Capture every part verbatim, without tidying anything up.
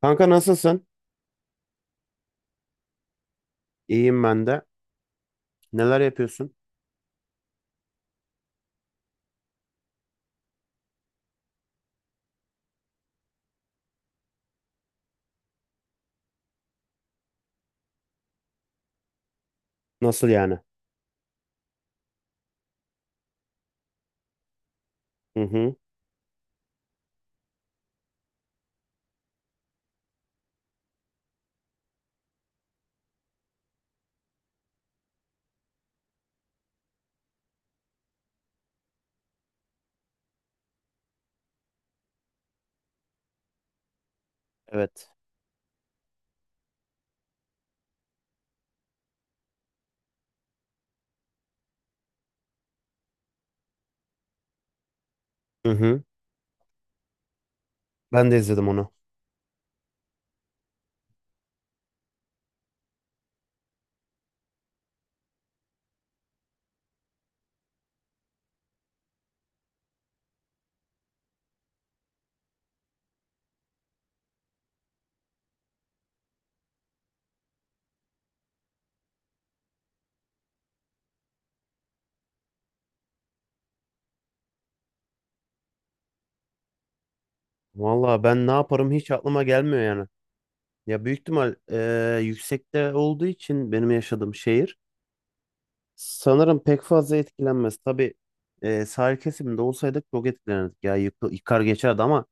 Kanka nasılsın? İyiyim ben de. Neler yapıyorsun? Nasıl yani? Hı hı. Evet. Hı hı. Ben de izledim onu. Valla ben ne yaparım, hiç aklıma gelmiyor yani. Ya büyük ihtimal eee, yüksekte olduğu için benim yaşadığım şehir sanırım pek fazla etkilenmez. Tabii eee sahil kesiminde olsaydık çok etkilenirdik. Ya yık- yıkar geçerdi, ama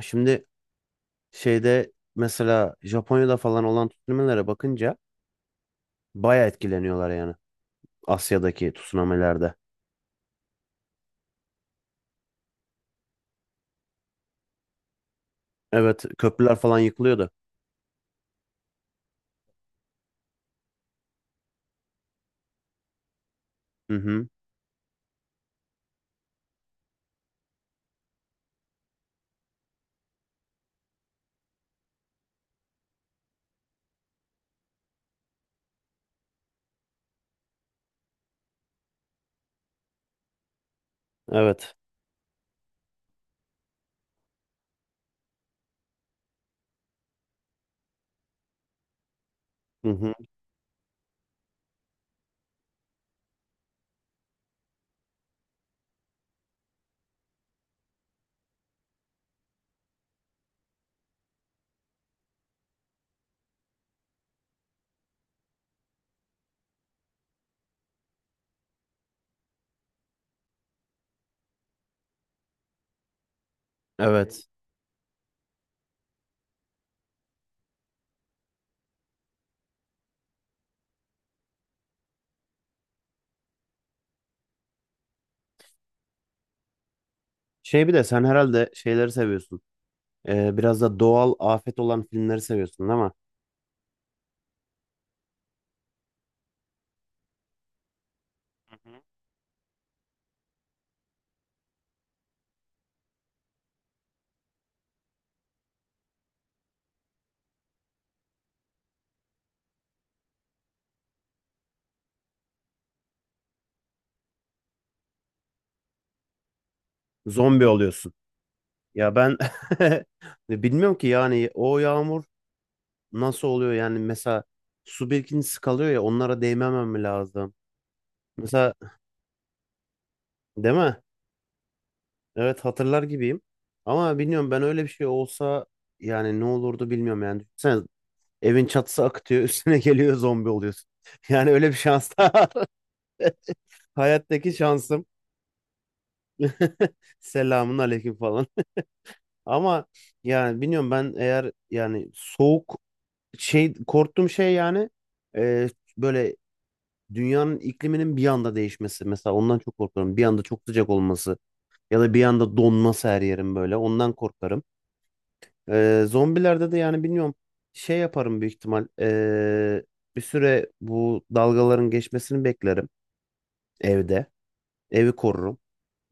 şimdi şeyde, mesela Japonya'da falan olan tsunami'lere bakınca baya etkileniyorlar yani. Asya'daki tsunami'lerde. Evet, köprüler falan yıkılıyordu. Hı hı. Evet. Hı hı. Evet. Şey, bir de sen herhalde şeyleri seviyorsun. Ee, biraz da doğal afet olan filmleri seviyorsun, değil mi? Zombi oluyorsun. Ya ben bilmiyorum ki, yani o yağmur nasıl oluyor yani? Mesela su birikintisi kalıyor ya, onlara değmemem mi lazım? Mesela değil mi? Evet, hatırlar gibiyim. Ama bilmiyorum, ben öyle bir şey olsa yani ne olurdu bilmiyorum yani. Sen. Evin çatısı akıtıyor, üstüne geliyor, zombi oluyorsun. Yani öyle bir şans daha. Hayattaki şansım. Selamun aleyküm falan. Ama yani bilmiyorum, ben eğer yani soğuk şey, korktuğum şey yani, e, böyle dünyanın ikliminin bir anda değişmesi. Mesela ondan çok korkarım. Bir anda çok sıcak olması ya da bir anda donması her yerim böyle. Ondan korkarım. E, zombilerde de yani bilmiyorum, şey yaparım büyük ihtimal. E, bir süre bu dalgaların geçmesini beklerim. Evde. Evi korurum.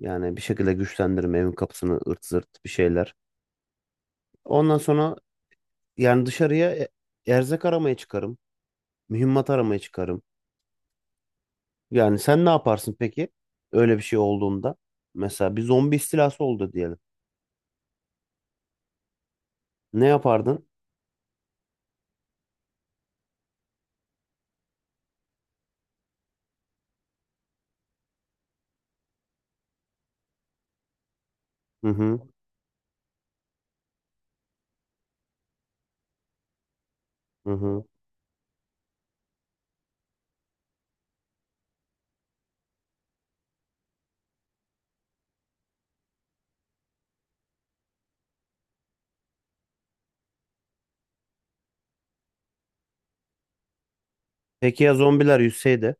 Yani bir şekilde güçlendiririm evin kapısını, ırt zırt bir şeyler. Ondan sonra yani dışarıya e- erzak aramaya çıkarım. Mühimmat aramaya çıkarım. Yani sen ne yaparsın peki? Öyle bir şey olduğunda. Mesela bir zombi istilası oldu diyelim. Ne yapardın? Hı hı. Hı hı. Peki ya zombiler yüzseydi?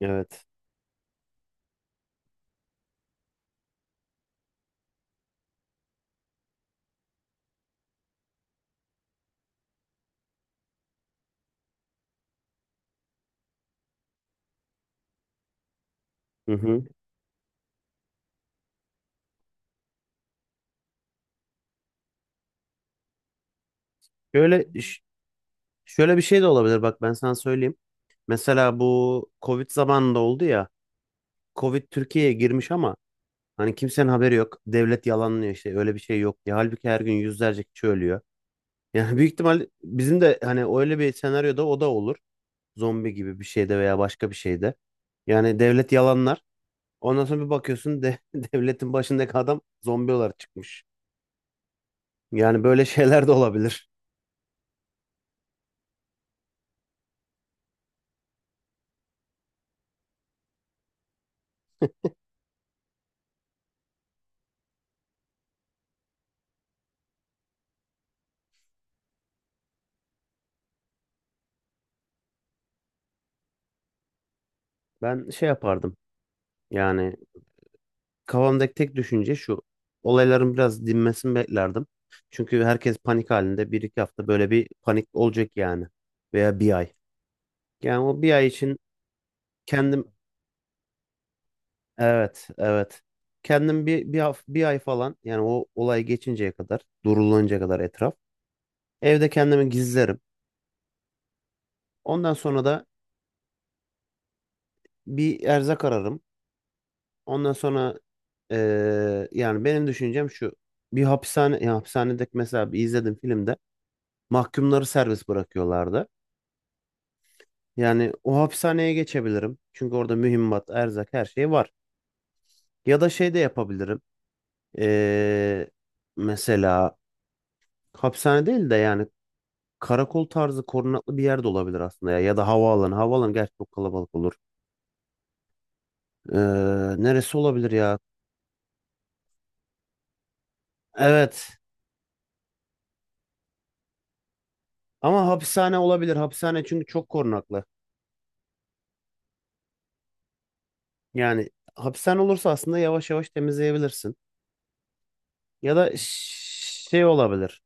Evet. Hı hı. Şöyle ş- Şöyle bir şey de olabilir, bak ben sana söyleyeyim. Mesela bu Covid zamanında oldu ya. Covid Türkiye'ye girmiş ama hani kimsenin haberi yok. Devlet yalanlıyor, işte öyle bir şey yok diye. Halbuki her gün yüzlerce kişi ölüyor. Yani büyük ihtimal bizim de hani öyle bir senaryoda o da olur. Zombi gibi bir şeyde veya başka bir şeyde. Yani devlet yalanlar. Ondan sonra bir bakıyorsun de, devletin başındaki adam zombi olarak çıkmış. Yani böyle şeyler de olabilir. Ben şey yapardım. Yani kafamdaki tek düşünce şu. Olayların biraz dinmesini beklerdim. Çünkü herkes panik halinde. Bir iki hafta böyle bir panik olacak yani. Veya bir ay. Yani o bir ay için kendim, evet evet, kendim bir bir, haf- bir ay falan, yani o olay geçinceye kadar, durulunca kadar etraf, evde kendimi gizlerim. Ondan sonra da bir erzak ararım. Ondan sonra eee, yani benim düşüncem şu, bir hapishane ya, hapishanedeki, mesela bir izledim filmde mahkumları serbest bırakıyorlardı. Yani o hapishaneye geçebilirim. Çünkü orada mühimmat, erzak, her şey var. Ya da şey de yapabilirim. Eee mesela hapishane değil de, yani karakol tarzı korunaklı bir yer de olabilir aslında ya. Ya da havaalanı. Havaalanı gerçi çok kalabalık olur. Ee, Neresi olabilir ya? Evet. Ama hapishane olabilir. Hapishane, çünkü çok korunaklı. Yani hapishane olursa aslında yavaş yavaş temizleyebilirsin. Ya da ş- şey olabilir.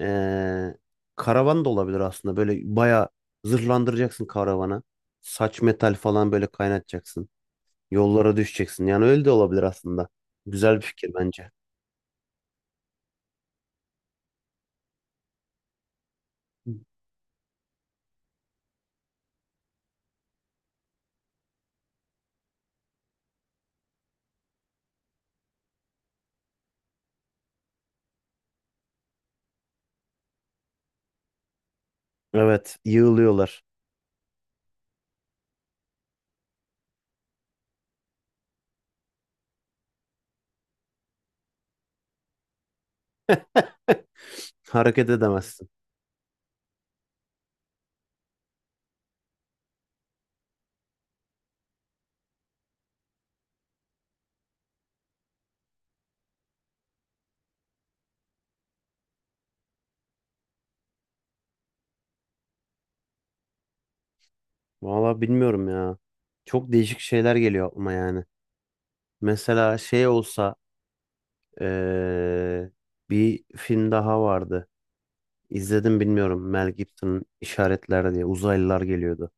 Ee, Karavan da olabilir aslında. Böyle bayağı zırhlandıracaksın karavana. Saç metal falan böyle kaynatacaksın. Yollara düşeceksin. Yani öyle de olabilir aslında. Güzel bir fikir bence. Hı. Evet, yığılıyorlar. Hareket edemezsin. Valla bilmiyorum ya. Çok değişik şeyler geliyor aklıma yani. Mesela şey olsa eee, bir film daha vardı. İzledim, bilmiyorum. Mel Gibson'ın İşaretler diye, uzaylılar geliyordu.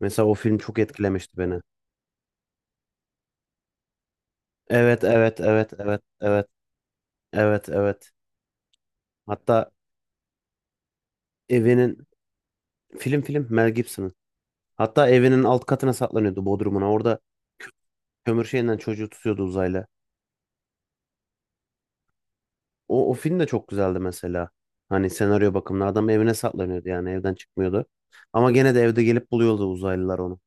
Mesela o film çok etkilemişti beni. Evet, evet, evet, evet, evet. Evet evet. Hatta evinin, film film Mel Gibson'ın. Hatta evinin alt katına saklanıyordu, bodrumuna. Orada kömür şeyinden çocuğu tutuyordu uzayla. O, o film de çok güzeldi mesela. Hani senaryo bakımından adam evine saklanıyordu, yani evden çıkmıyordu. Ama gene de evde gelip buluyordu uzaylılar onu.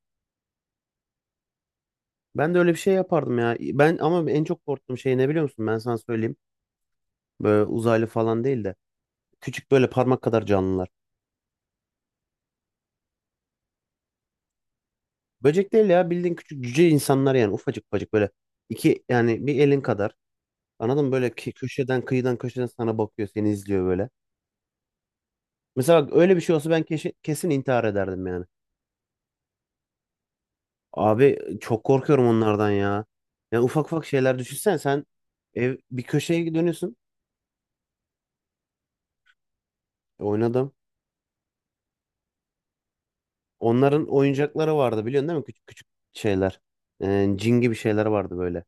Ben de öyle bir şey yapardım ya. Ben ama en çok korktuğum şey ne biliyor musun? Ben sana söyleyeyim. Böyle uzaylı falan değil de küçük böyle parmak kadar canlılar. Böcek değil ya, bildiğin küçük cüce insanlar, yani ufacık ufacık böyle iki, yani bir elin kadar. Anladın mı? Böyle ki- köşeden, kıyıdan köşeden sana bakıyor, seni izliyor böyle. Mesela bak, öyle bir şey olsa ben keşi- kesin intihar ederdim yani. Abi çok korkuyorum onlardan ya. Yani ufak ufak şeyler düşünsen sen, ev bir köşeye dönüyorsun. E, Oynadım. Onların oyuncakları vardı, biliyorsun değil mi? Küçük küçük şeyler. E, cin gibi şeyler vardı böyle.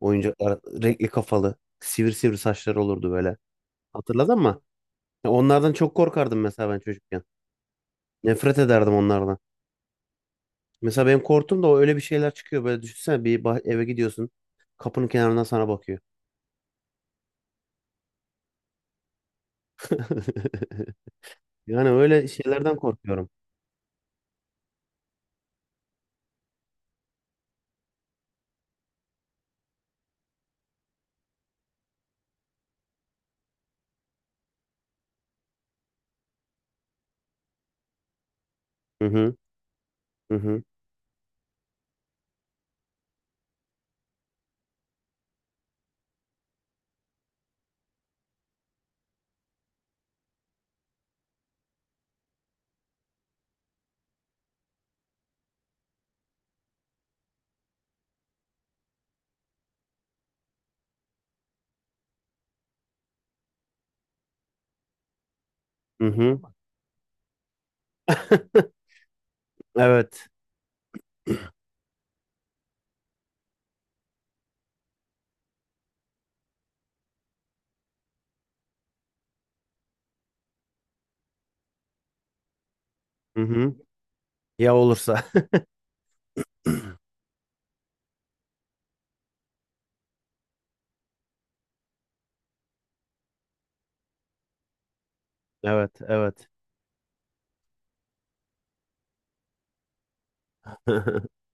Oyuncaklar renkli kafalı. Sivri sivri saçları olurdu böyle. Hatırladın mı? Ya onlardan çok korkardım mesela ben çocukken. Nefret ederdim onlardan. Mesela benim korktum da, o öyle bir şeyler çıkıyor. Böyle düşünsene, bir bah- eve gidiyorsun. Kapının kenarından sana bakıyor. Yani öyle şeylerden korkuyorum. Hı hı. Hı hı. Hı hı. Evet. Hı hı. Ya olursa. Evet, evet.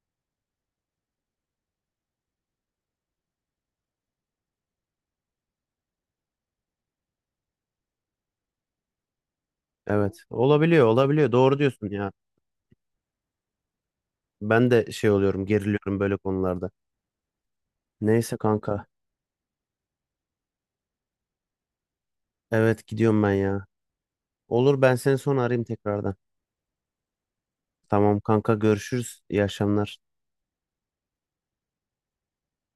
Evet. Olabiliyor, olabiliyor. Doğru diyorsun ya. Ben de şey oluyorum, geriliyorum böyle konularda. Neyse kanka. Evet, gidiyorum ben ya. Olur, ben seni sonra arayayım tekrardan. Tamam kanka, görüşürüz. İyi akşamlar.